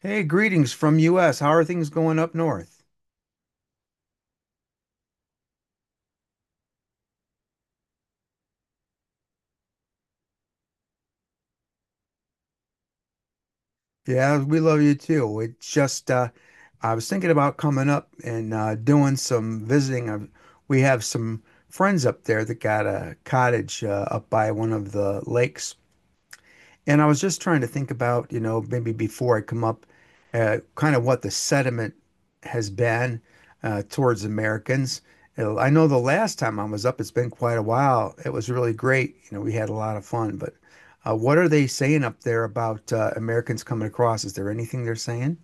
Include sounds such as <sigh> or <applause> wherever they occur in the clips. Hey, greetings from US. How are things going up north? Yeah, we love you too. It just I was thinking about coming up and doing some visiting. We have some friends up there that got a cottage up by one of the lakes. And I was just trying to think about, you know, maybe before I come up, kind of what the sentiment has been towards Americans. I know the last time I was up, it's been quite a while. It was really great. You know, we had a lot of fun. But what are they saying up there about Americans coming across? Is there anything they're saying?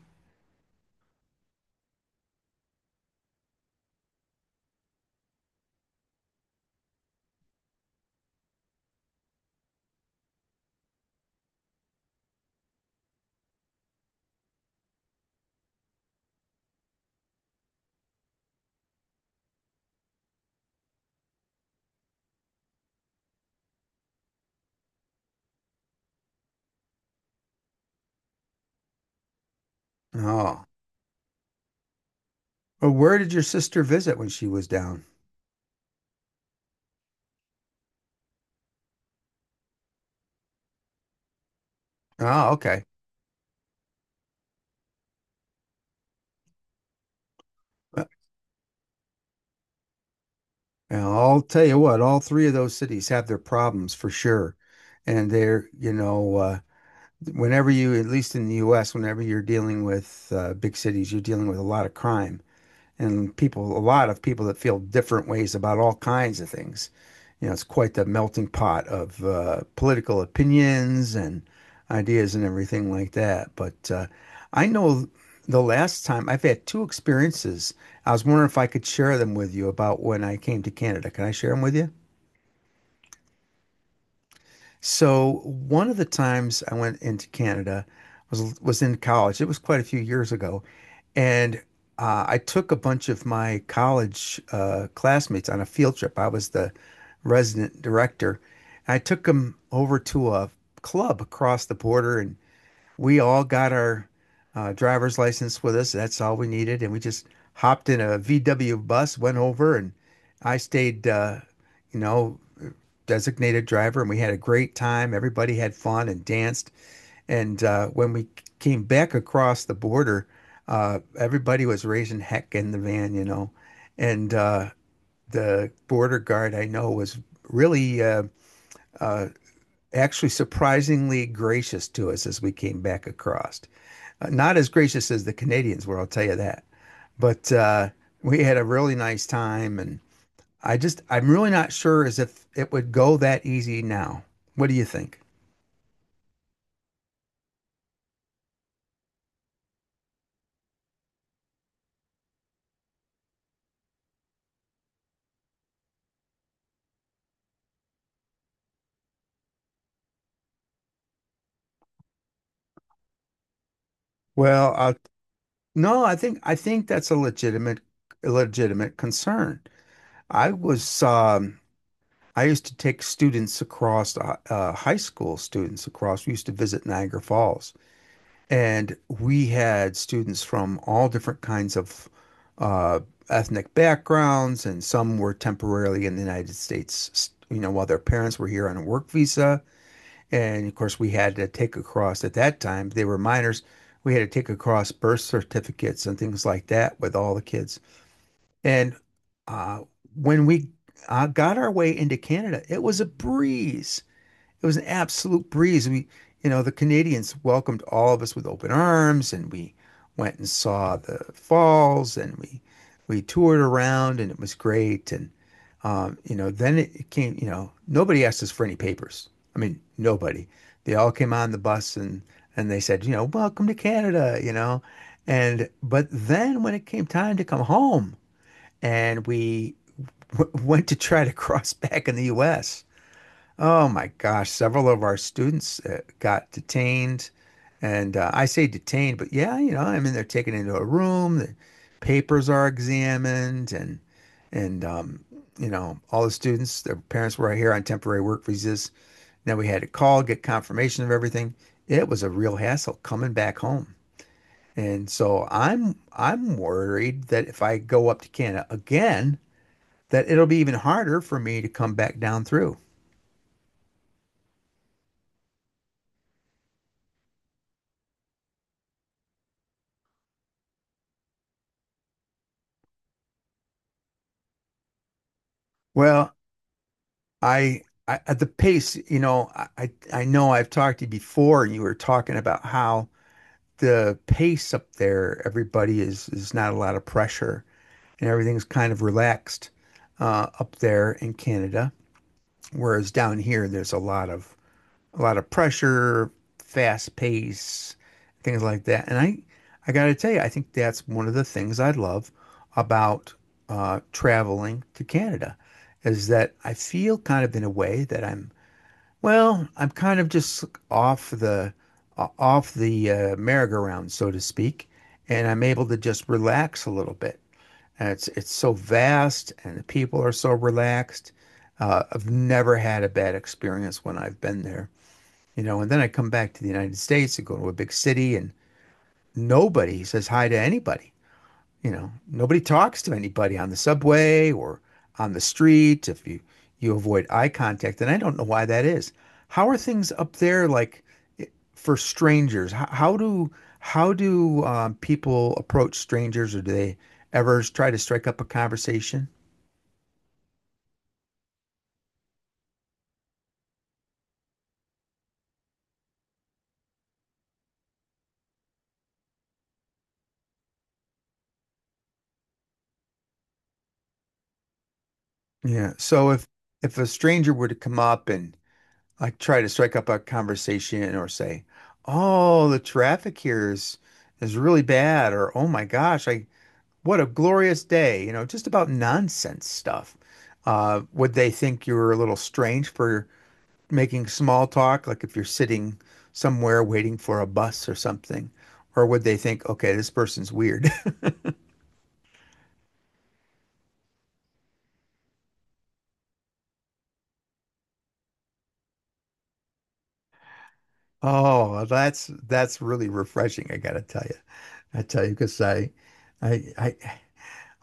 Oh. Well, where did your sister visit when she was down? Oh, okay. Uh, well, I'll tell you what, all three of those cities have their problems for sure. And they're, you know, whenever you, at least in the US, whenever you're dealing with big cities, you're dealing with a lot of crime and people, a lot of people that feel different ways about all kinds of things. You know, it's quite the melting pot of political opinions and ideas and everything like that. But I know the last time I've had two experiences. I was wondering if I could share them with you about when I came to Canada. Can I share them with you? So one of the times I went into Canada was in college. It was quite a few years ago, and I took a bunch of my college classmates on a field trip. I was the resident director. I took them over to a club across the border, and we all got our driver's license with us. That's all we needed, and we just hopped in a VW bus, went over, and I stayed, you know designated driver, and we had a great time. Everybody had fun and danced. And when we came back across the border, everybody was raising heck in the van, you know. And the border guard I know was really uh, actually surprisingly gracious to us as we came back across. Not as gracious as the Canadians were, I'll tell you that. But we had a really nice time and I'm really not sure as if it would go that easy now. What do you think? Well, I No, I think that's a legitimate concern. I was I used to take students across high school students across. We used to visit Niagara Falls, and we had students from all different kinds of uh, ethnic backgrounds, and some were temporarily in the United States, you know, while their parents were here on a work visa. And of course, we had to take across at that time, they were minors. We had to take across birth certificates and things like that with all the kids. And uh, when we got our way into Canada, it was a breeze it was an absolute breeze. We, you know, the Canadians welcomed all of us with open arms, and we went and saw the falls, and we toured around, and it was great. And you know, then it came. You know, nobody asked us for any papers. I mean, nobody. They all came on the bus and they said, you know, welcome to Canada. You know, and but then when it came time to come home, and we <laughs> w- went to try to cross back in the U.S. Oh my gosh, several of our students got detained. And I say detained, but yeah, you know, I mean, they're taken into a room, the papers are examined, and, and, um, you know, all the students, their parents were here on temporary work visas. Then we had to call, get confirmation of everything. It was a real hassle coming back home. And so I'm worried that if I go up to Canada again, that it'll be even harder for me to come back down through. Well, I, I at the pace, you know, I know I've talked to you before, and you were talking about how the pace up there, everybody is not a lot of pressure, and everything's kind of relaxed up there in Canada, whereas down here there's a lot of pressure, fast pace, things like that. And I gotta tell you, I think that's one of the things I love about traveling to Canada, is that I feel kind of in a way that I'm kind of just off the off the merry-go-round, so to speak, and I'm able to just relax a little bit. And it's so vast, and the people are so relaxed. I've never had a bad experience when I've been there, you know. And then I come back to the United States and go to a big city, and nobody says hi to anybody. You know, nobody talks to anybody on the subway or on the street if you avoid eye contact, and I don't know why that is. How are things up there like for strangers? How do people approach strangers, or do they ever try to strike up a conversation? Yeah. So if a stranger were to come up and like try to strike up a conversation or say, "Oh, the traffic here is really bad," or "Oh my gosh, I what a glorious day," you know, just about nonsense stuff. Would they think you were a little strange for making small talk, like if you're sitting somewhere waiting for a bus or something? Or would they think, okay, this person's weird? <laughs> Oh, well, that's really refreshing, I gotta tell you. I tell you, because I, I,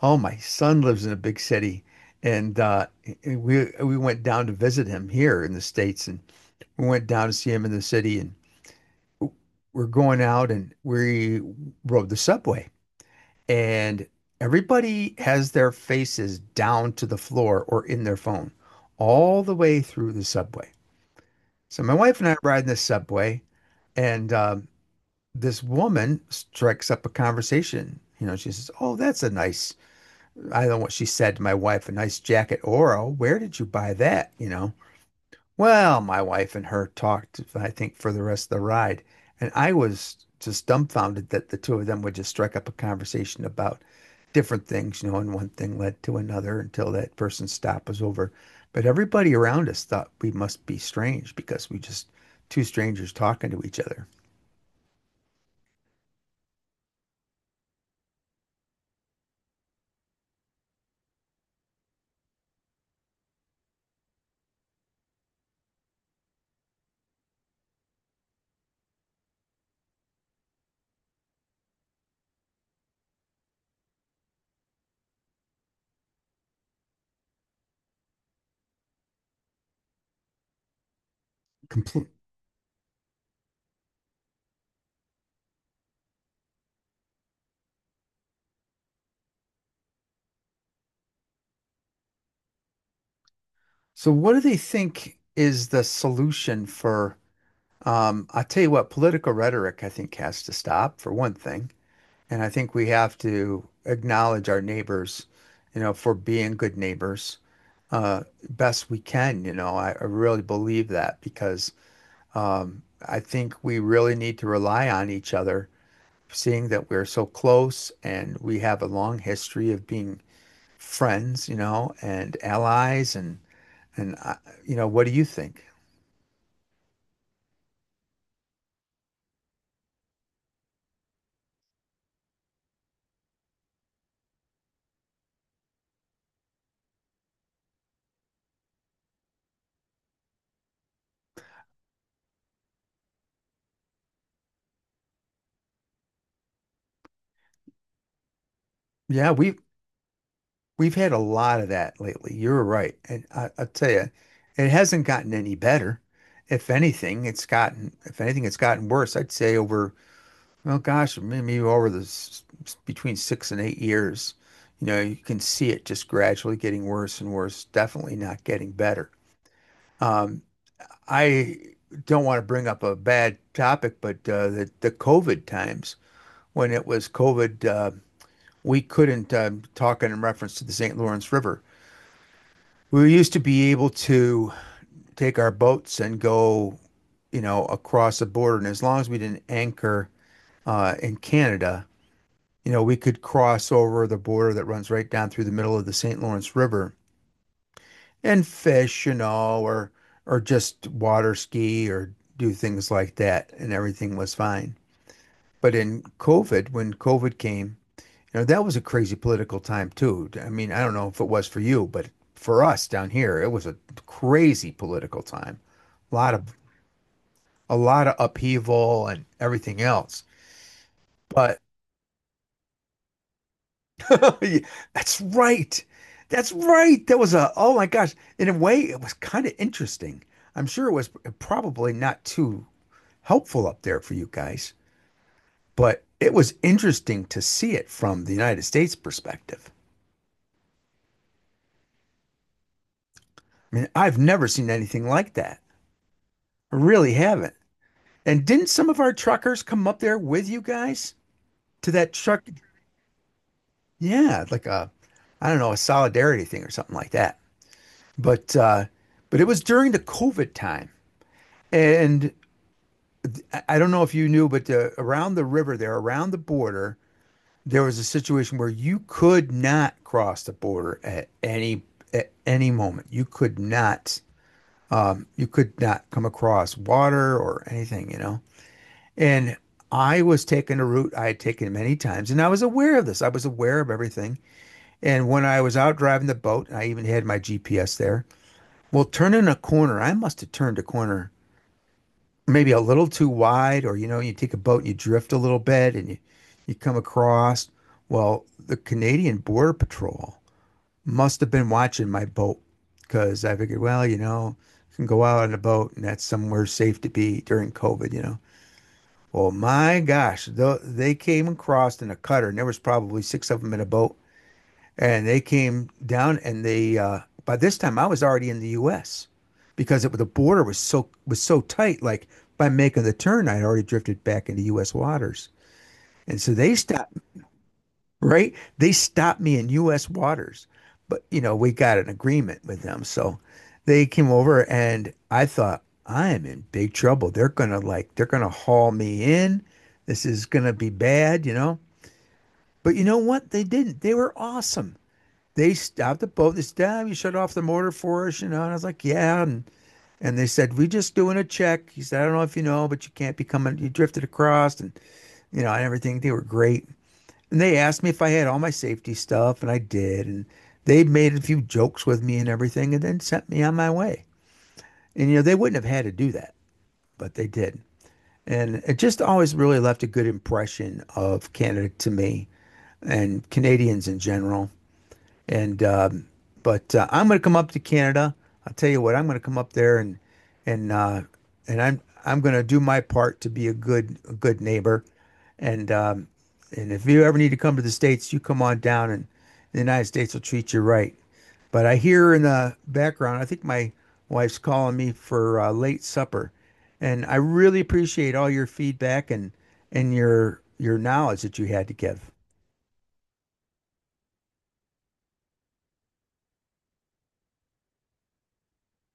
oh, my son lives in a big city, and we went down to visit him here in the States, and we went down to see him in the city, and we're going out and we rode the subway and everybody has their faces down to the floor or in their phone all the way through the subway. So my wife and I are riding the subway and this woman strikes up a conversation. You know, she says, "Oh, that's a nice," I don't know what she said to my wife, "a nice jacket. Oro, where did you buy that?" You know? Well, my wife and her talked, I think, for the rest of the ride. And I was just dumbfounded that the two of them would just strike up a conversation about different things, you know, and one thing led to another until that person's stop was over. But everybody around us thought we must be strange because we just two strangers talking to each other. So, what do they think is the solution for? I'll tell you what, political rhetoric, I think, has to stop for one thing. And I think we have to acknowledge our neighbors, you know, for being good neighbors, uh, best we can. You know, I really believe that because um, I think we really need to rely on each other, seeing that we're so close and we have a long history of being friends, you know, and allies and you know, what do you think? Yeah, we. We've had a lot of that lately. You're right. And I'll tell you, it hasn't gotten any better. If anything, if anything, it's gotten worse. I'd say over, well, gosh, maybe over the between six and eight years, you know, you can see it just gradually getting worse and worse, definitely not getting better. Um, I don't want to bring up a bad topic, but the COVID times when it was COVID, we couldn't talk in reference to the St. Lawrence River. We used to be able to take our boats and go, you know, across the border. And as long as we didn't anchor in Canada, you know, we could cross over the border that runs right down through the middle of the St. Lawrence River and fish, you know, or just water ski or do things like that, and everything was fine. But in COVID, when COVID came, you know, that was a crazy political time too. I mean, I don't know if it was for you, but for us down here, it was a crazy political time. a lot of a lot of upheaval and everything else. But <laughs> that's right. That's right. That was a oh my gosh. In a way, it was kind of interesting. I'm sure it was probably not too helpful up there for you guys, but it was interesting to see it from the United States perspective. I mean, I've never seen anything like that. I really haven't. And didn't some of our truckers come up there with you guys to that truck? Yeah, like a, I don't know, a solidarity thing or something like that. But uh, but it was during the COVID time, and don't know if you knew, but around the river there, around the border, there was a situation where you could not cross the border at any moment. You could not come across water or anything, you know. And I was taking a route I had taken many times, and I was aware of this. I was aware of everything. And when I was out driving the boat, I even had my GPS there. Well, turning a corner, I must have turned a corner maybe a little too wide, or you know, you take a boat and you drift a little bit and you come across. Well, the Canadian Border Patrol must have been watching my boat because I figured, well, you know, I can go out on a boat and that's somewhere safe to be during COVID, you know. Well, my gosh, they came across in a cutter, and there was probably six of them in a boat, and they came down and they by this time I was already in the US because the border was so tight, like by making the turn I'd already drifted back into US waters. And so they stopped, right? They stopped me in US waters. But you know, we got an agreement with them. So they came over and I thought I am in big trouble. They're gonna they're gonna haul me in. This is gonna be bad, you know. But you know what? They didn't. They were awesome. They stopped the boat. They said, "Damn, you shut off the motor for us," you know. And I was like, "Yeah." And they said, "We're just doing a check." He said, "I don't know if you know, but you can't be coming. You drifted across, and you know, and everything. They were great." And they asked me if I had all my safety stuff, and I did. And they made a few jokes with me and everything, and then sent me on my way. And you know, they wouldn't have had to do that, but they did. And it just always really left a good impression of Canada to me and Canadians in general. And but I'm going to come up to Canada. I'll tell you what, I'm going to come up there and and uh, and I'm going to do my part to be a good neighbor. And um, and if you ever need to come to the states, you come on down, and the United States will treat you right. But I hear in the background, I think my wife's calling me for late supper, and I really appreciate all your feedback and your knowledge that you had to give.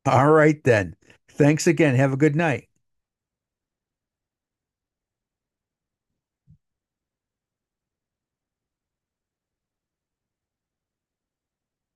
All right then. Thanks again. Have a good night.